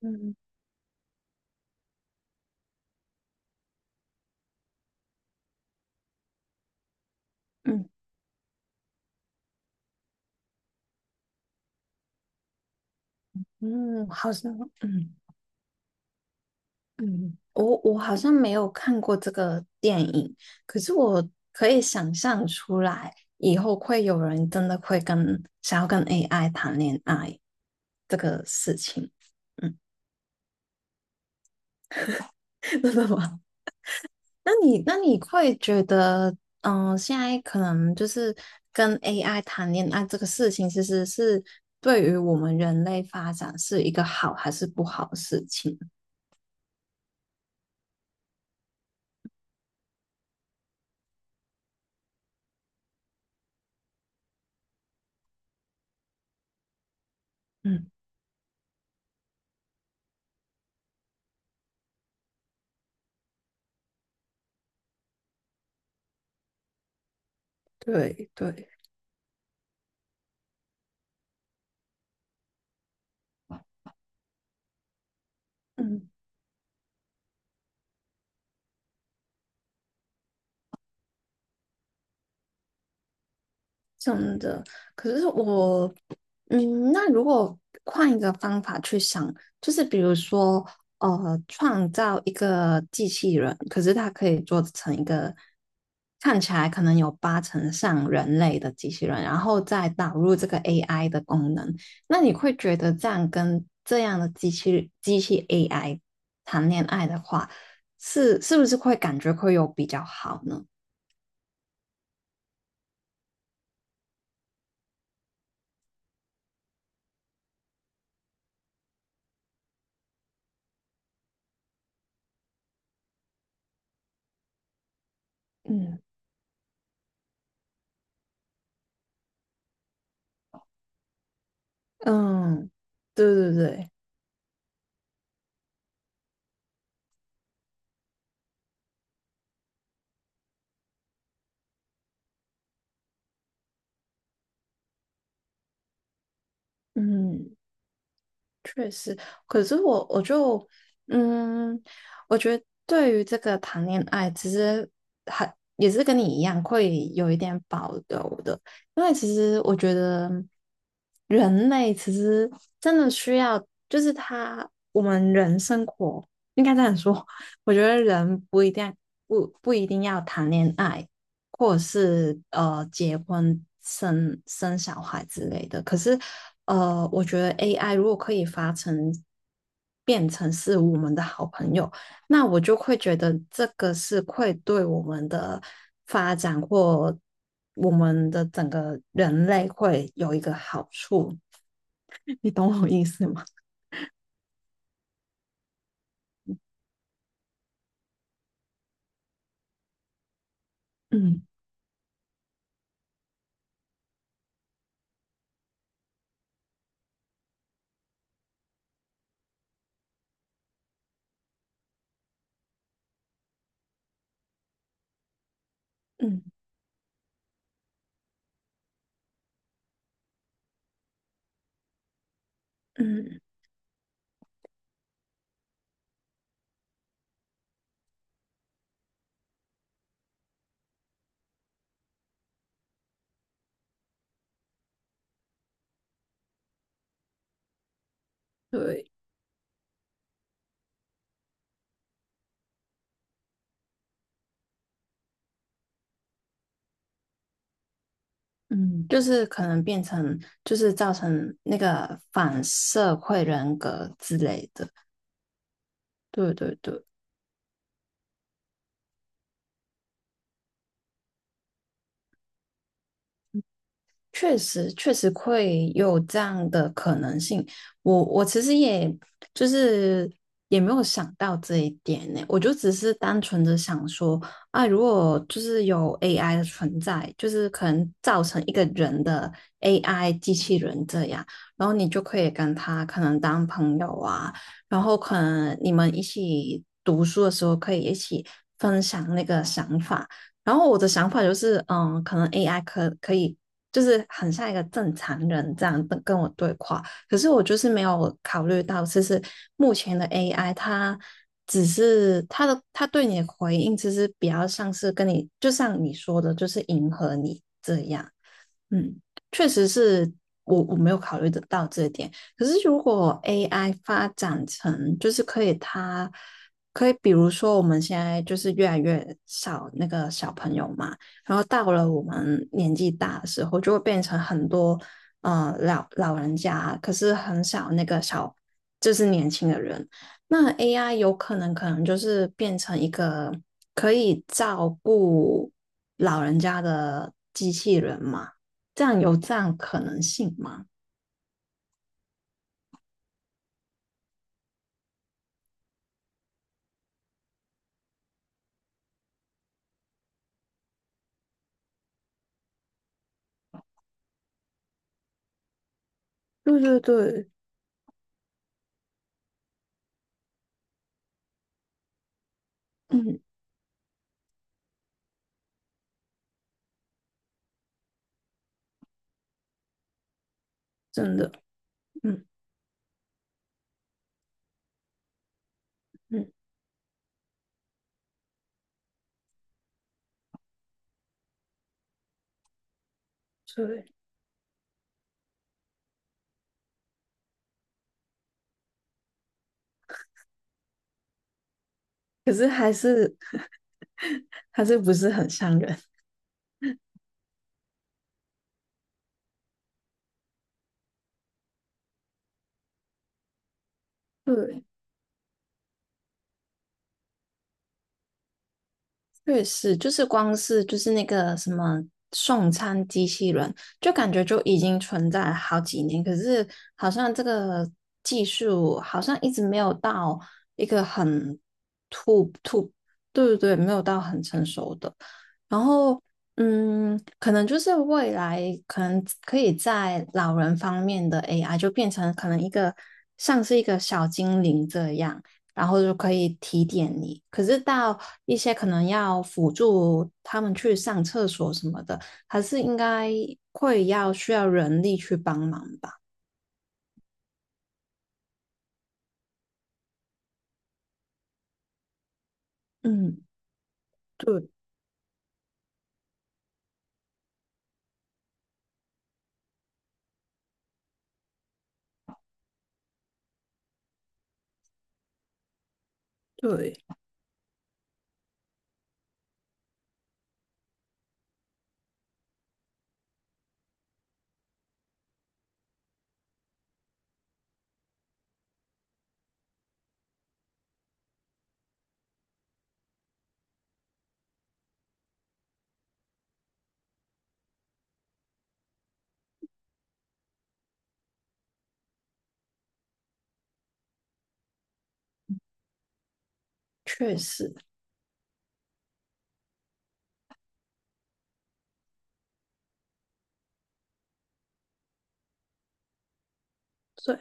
嗯嗯嗯，好像嗯嗯，我好像没有看过这个电影，可是我可以想象出来，以后会有人真的会跟想要跟 AI 谈恋爱这个事情，嗯，真的吗？那你会觉得，嗯、现在可能就是跟 AI 谈恋爱这个事情，其实是对于我们人类发展是一个好还是不好的事情？嗯，对对。嗯，真的。可是我，嗯，那如果换一个方法去想，就是比如说，创造一个机器人，可是它可以做成一个看起来可能有八成像人类的机器人，然后再导入这个 AI 的功能，那你会觉得这样跟这样的机器 AI 谈恋爱的话，是不是会感觉会有比较好呢？嗯。嗯，对对对。嗯，确实，可是我就嗯，我觉得对于这个谈恋爱，其实还也是跟你一样，会有一点保留的，因为其实我觉得人类其实真的需要，就是他我们人生活应该这样说，我觉得人不一定不一定要谈恋爱，或者是结婚生小孩之类的。可是我觉得 AI 如果可以变成是我们的好朋友，那我就会觉得这个是会对我们的发展或我们的整个人类会有一个好处 你懂我意思吗？嗯嗯嗯，对，嗯，就是可能变成，就是造成那个反社会人格之类的。对对对，确实，确实会有这样的可能性。我其实也就是也没有想到这一点呢，我就只是单纯的想说啊，如果就是有 AI 的存在，就是可能造成一个人的 AI 机器人这样，然后你就可以跟他可能当朋友啊，然后可能你们一起读书的时候可以一起分享那个想法。然后我的想法就是，嗯，可能 AI 可以就是很像一个正常人这样跟我对话，可是我就是没有考虑到，其实目前的 AI 它只是它的它对你的回应，其实比较像是跟你，就像你说的，就是迎合你这样。嗯，确实是我没有考虑得到这点。可是如果 AI 发展成就是可以比如说我们现在就是越来越少那个小朋友嘛。然后到了我们年纪大的时候，就会变成很多老人家，可是很少那个就是年轻的人。那 AI 有可能就是变成一个可以照顾老人家的机器人嘛？这样有这样可能性吗？对对对，嗯，真的，嗯嗯，对。可是还是不是很像人。对。确实，就是光是就是那个什么送餐机器人，就感觉就已经存在了好几年，可是好像这个技术好像一直没有到一个很突突，对对对，没有到很成熟的。然后，嗯，可能就是未来可能可以在老人方面的 AI 就变成可能一个像是一个小精灵这样。然后就可以提点你。可是到一些可能要辅助他们去上厕所什么的，还是应该会要需要人力去帮忙吧？嗯，对对，确实，对，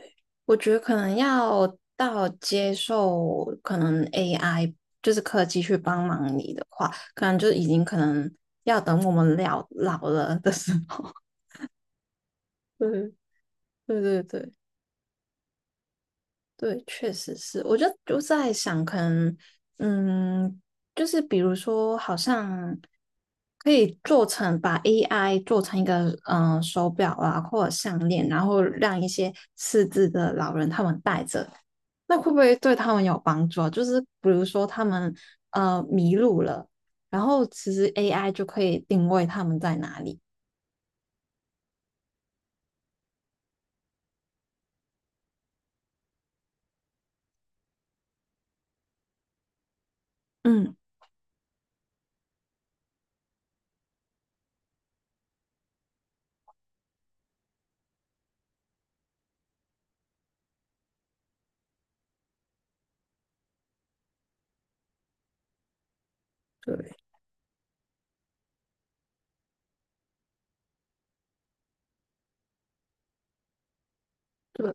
我觉得可能要到接受可能 AI 就是科技去帮忙你的话，可能就已经可能要等我们老了的时候。对对对对，对，确实是。我就在想，可能，嗯，就是比如说，好像可以做成把 AI 做成一个嗯、手表啊，或者项链，然后让一些失智的老人他们戴着，那会不会对他们有帮助啊？就是比如说他们迷路了，然后其实 AI 就可以定位他们在哪里。嗯，对对，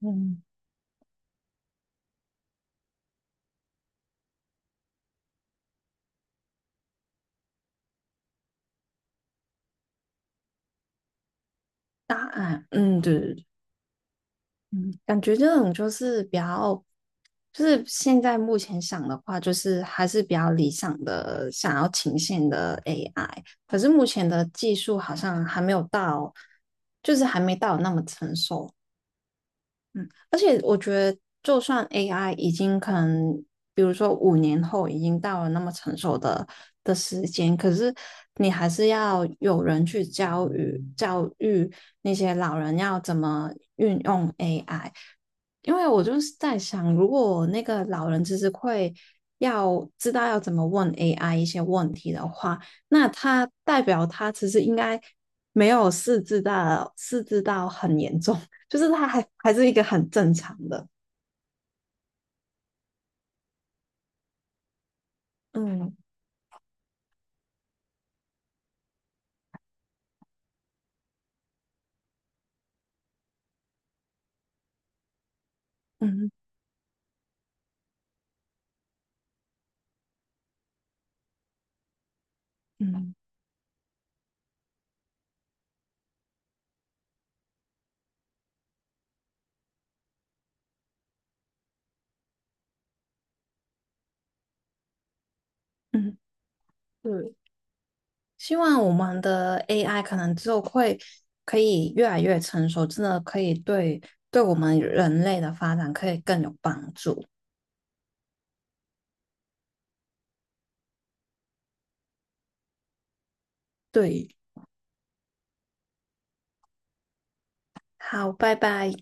嗯，答案，嗯，对对嗯，感觉这种就是比较，就是现在目前想的话，就是还是比较理想的，想要呈现的 AI。可是目前的技术好像还没有到，就是还没到那么成熟。嗯，而且我觉得，就算 AI 已经可能，比如说5年后已经到了那么成熟的时间，可是你还是要有人去教育教育那些老人要怎么运用 AI。因为我就是在想，如果那个老人其实会要知道要怎么问 AI 一些问题的话，那他代表他其实应该没有四智到很严重，就是他还是一个很正常的。嗯嗯嗯嗯，对。希望我们的 AI 可能就会可以越来越成熟，真的可以对我们人类的发展可以更有帮助。对，好，拜拜。